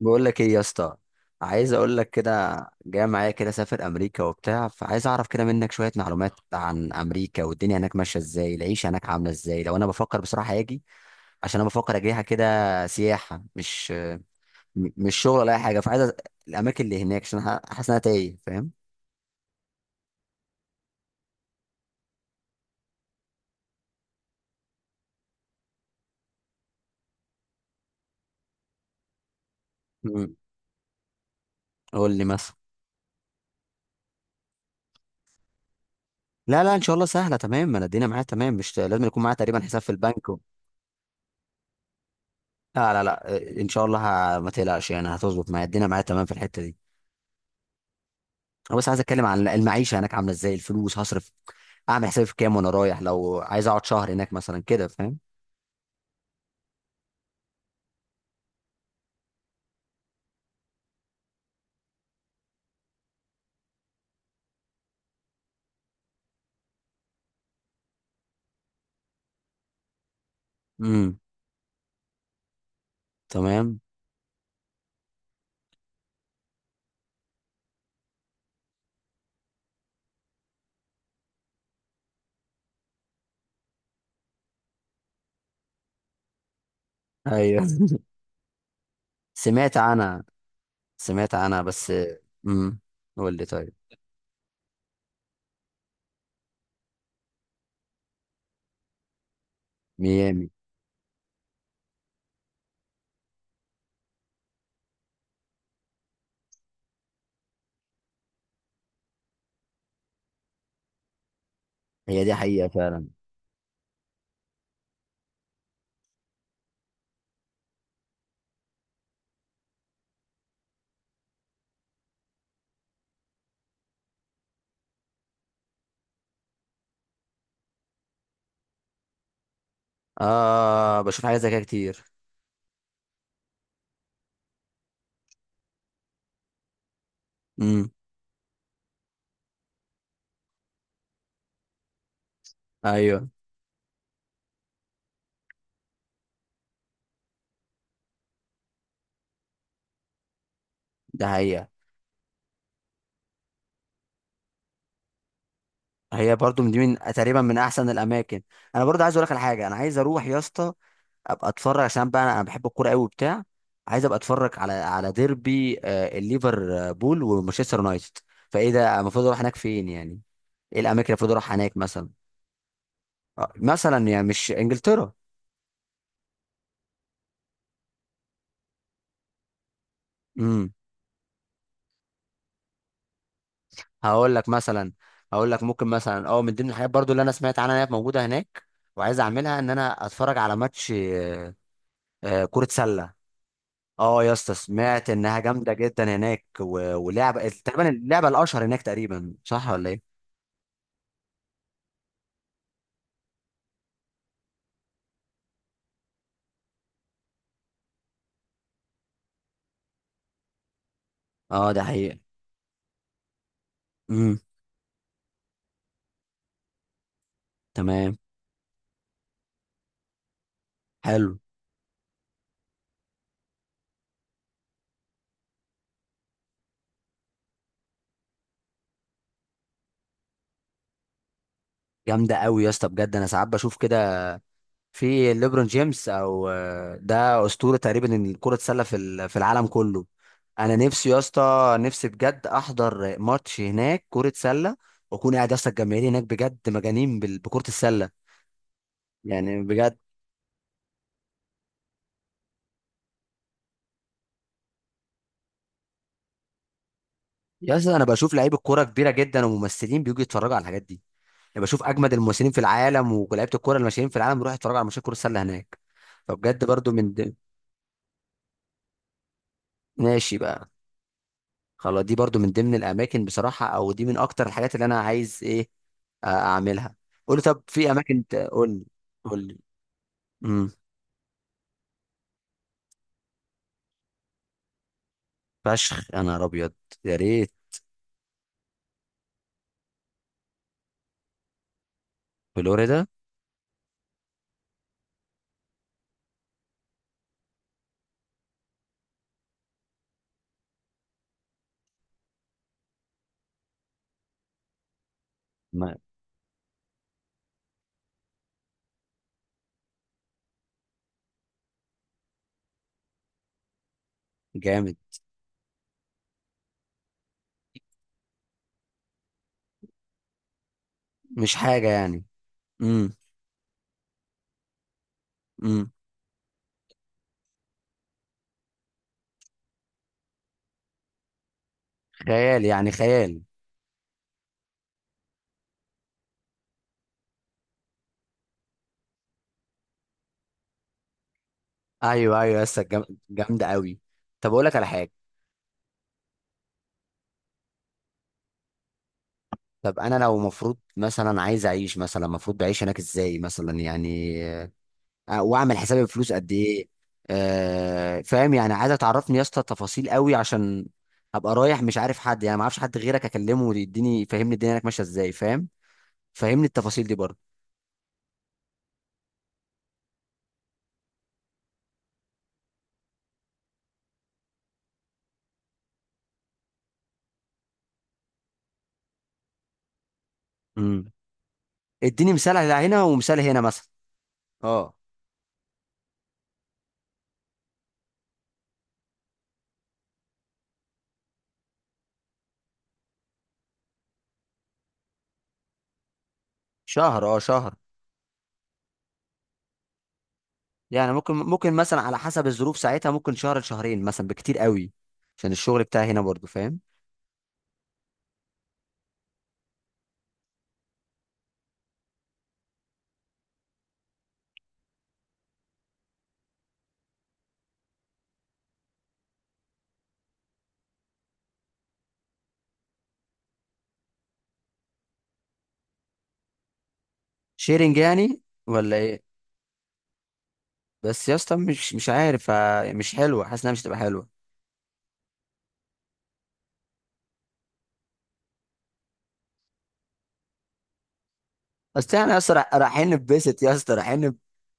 بقول لك ايه يا اسطى. عايز اقول لك كده، جاي معايا كده سافر امريكا وبتاع، فعايز اعرف كده منك شويه معلومات عن امريكا والدنيا هناك ماشيه ازاي، العيشه هناك عامله ازاي، لو انا بفكر بصراحه اجي. عشان انا بفكر اجيها كده سياحه، مش شغل ولا اي حاجه، فعايز الاماكن اللي هناك عشان أنا حاسس ان انا تايه، فاهم. مم. قول لي مثلا. لا لا ان شاء الله سهله تمام، انا الدنيا معايا تمام، مش لازم يكون معايا تقريبا حساب في البنك و... لا لا لا ان شاء الله. ما تقلقش يعني، هتظبط معايا الدنيا معايا تمام في الحته دي. انا بس عايز اتكلم عن المعيشه هناك عامله ازاي، الفلوس هصرف اعمل حسابي في كام وانا رايح، لو عايز اقعد شهر هناك مثلا كده، فاهم. امم، تمام. ايوه سمعت عنها، سمعت عنها بس. امم، قول لي طيب. ميامي. هي دي حقيقه فعلا. اه بشوف حاجات زي كده كتير. امم. ايوه. ده حقيقه. هي برضو من دي من تقريبا من احسن الاماكن. انا برضو عايز اقول لك على حاجه، انا عايز اروح يا اسطى ابقى اتفرج، عشان بقى أنا بحب الكوره قوي وبتاع. عايز ابقى اتفرج على ديربي الليفربول ومانشستر يونايتد. فايه ده، المفروض اروح هناك فين يعني، ايه الاماكن اللي المفروض اروح هناك مثلا. مثلا يعني مش انجلترا. امم. هقول لك مثلا. هقول لك ممكن مثلا اه من ضمن الحاجات برضو اللي انا سمعت عنها انها موجوده هناك، وعايز اعملها ان انا اتفرج على ماتش كرة سلة. اه يا اسطى، سمعت انها جامده جدا هناك ولعبه تقريبا اللعبه الاشهر هناك تقريبا، صح ولا ايه؟ اه ده حقيقي. تمام. حلو. جامده قوي يا اسطى، بجد انا ساعات بشوف كده في ليبرون جيمس او ده اسطوره تقريبا إن كره السله في في العالم كله. انا نفسي يا اسطى، نفسي بجد احضر ماتش هناك كره سله، واكون قاعد يا اسطى، الجماهير هناك بجد مجانين بكره السله، يعني بجد. يا اسطى انا بشوف لعيبه كوره كبيره جدا وممثلين بيجوا يتفرجوا على الحاجات دي، يعني بشوف اجمد الممثلين في العالم ولعيبه الكوره اللي ماشيين في العالم بيروحوا يتفرجوا على ماتشات كره السله هناك. فبجد برضو ماشي بقى. خلاص دي برضو من ضمن الاماكن بصراحه، او دي من اكتر الحاجات اللي انا عايز ايه، اعملها. قول لي طب في اماكن، قول لي قول لي. امم. فشخ يا نهار ابيض. يا ريت. فلوريدا. ما- جامد. مش حاجه يعني. امم. امم. خيال يعني خيال. ايوه ايوه جامده قوي. طب اقول لك على حاجه، طب انا لو مفروض مثلا عايز اعيش مثلا، مفروض بعيش هناك ازاي مثلا يعني، واعمل حساب الفلوس قد ايه. فاهم يعني، عايزه تعرفني يا اسطى تفاصيل قوي، عشان هبقى رايح مش عارف حد، يعني ما اعرفش حد غيرك اكلمه يديني يفهمني الدنيا هناك ماشيه ازاي، فاهم. فهمني التفاصيل دي برضه. امم. اديني مثال على هنا ومثال هنا مثلا. اه شهر، اه شهر. يعني ممكن ممكن مثلا على حسب الظروف ساعتها ممكن شهر لشهرين مثلا بكتير قوي، عشان الشغل بتاعي هنا برضه، فاهم. شيرنج يعني، ولا ايه؟ بس يا اسطى مش عارف، مش حلوه، حاسس انها مش هتبقى حلوه. بس احنا يا اسطى رايحين نتبسط يا اسطى،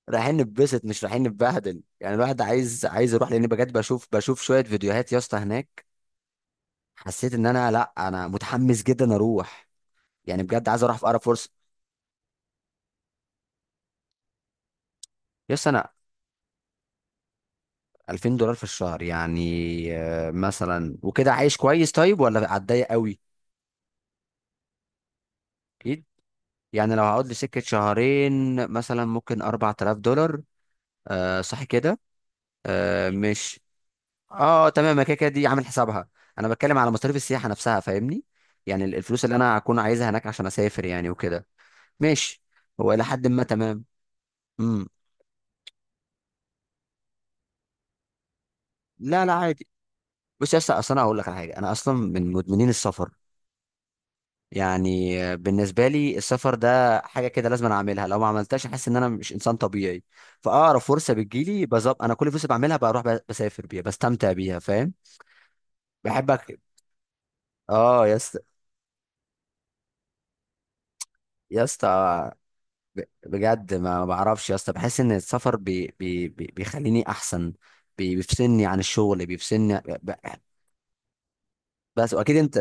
رايحين نتبسط مش رايحين نتبهدل، يعني الواحد عايز، عايز يروح، لان بجد بشوف، بشوف شويه فيديوهات يا اسطى هناك، حسيت ان انا، لا انا متحمس جدا اروح. يعني بجد عايز اروح في اقرب فرصه. يا اسطى انا 2000 دولار في الشهر يعني، مثلا وكده عايش كويس طيب، ولا هتضايق قوي؟ اكيد. يعني لو هقعد لي سكه شهرين مثلا، ممكن 4000 دولار. آه صح كده. آه مش اه تمام، ما كده كده دي عامل حسابها. انا بتكلم على مصاريف السياحه نفسها فاهمني، يعني الفلوس اللي انا هكون عايزها هناك عشان اسافر يعني وكده. ماشي. هو الى حد ما تمام. امم. لا لا عادي. بص يا اسطى، اصل انا هقول لك على حاجه، انا اصلا من مدمنين السفر، يعني بالنسبه لي السفر ده حاجه كده لازم أنا اعملها، لو ما عملتهاش احس ان انا مش انسان طبيعي. فاقرب فرصه بتجيلي بظبط، انا كل فرصه بعملها بروح، بسافر بيها بستمتع بيها، فاهم. بحبك. اه يا اسطى. يا اسطى، بجد ما بعرفش يا اسطى، بحس ان السفر بي بي بي بيخليني احسن، بيفصلني عن الشغل بيفصلني بس، واكيد انت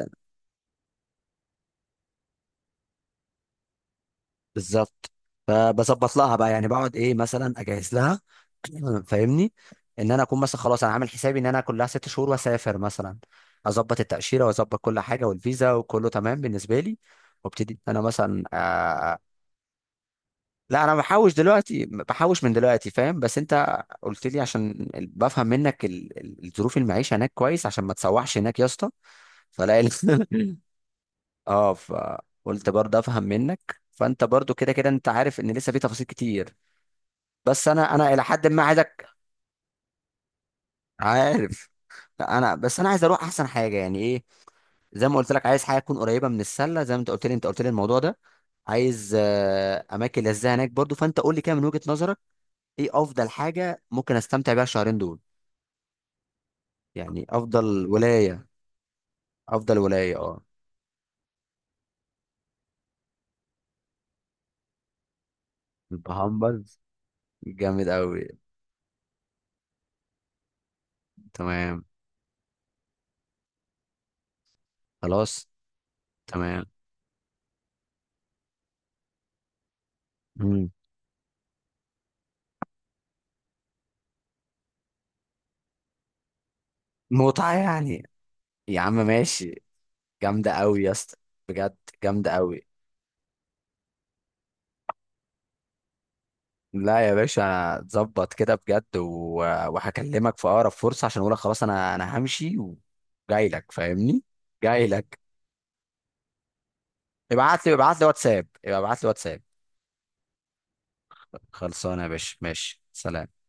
بالظبط. فبظبط لها بقى، يعني بقعد ايه مثلا اجهز لها. فاهمني، ان انا اكون مثلا خلاص انا عامل حسابي ان انا كلها 6 شهور واسافر مثلا، اظبط التاشيره واظبط كل حاجه والفيزا وكله تمام بالنسبه لي، وابتدي انا مثلا. لا انا بحوش دلوقتي، بحوش من دلوقتي فاهم، بس انت قلت لي عشان بفهم منك الظروف، المعيشه هناك كويس، عشان ما تسوحش هناك يا اسطى. فلاقي ال- اه فقلت برضه افهم منك، فانت برضه كده كده انت عارف ان لسه في تفاصيل كتير، بس انا الى حد ما عايزك. عارف. انا بس انا عايز اروح احسن حاجه يعني ايه. زي ما قلت لك، عايز حاجه تكون قريبه من السله زي ما انت قلت لي، انت قلت لي الموضوع ده. عايز اماكن لذيذه هناك برضه، فانت قول لي كده من وجهه نظرك، ايه افضل حاجه ممكن استمتع بيها الشهرين دول، يعني افضل ولايه، افضل ولايه اه. البهامبرز، جامد قوي. تمام. خلاص. تمام. مم. متعه يعني، يا عم ماشي. جامده قوي يا اسطى، بجد جامده قوي. لا يا باشا انا اتظبط كده بجد و... وهكلمك في اقرب فرصه عشان اقولك خلاص انا انا همشي وجاي لك، فاهمني. جاي لك. ابعت لي، ابعت لي واتساب، ابعت لي واتساب. خلصانه يا باشا ماشي، سلام.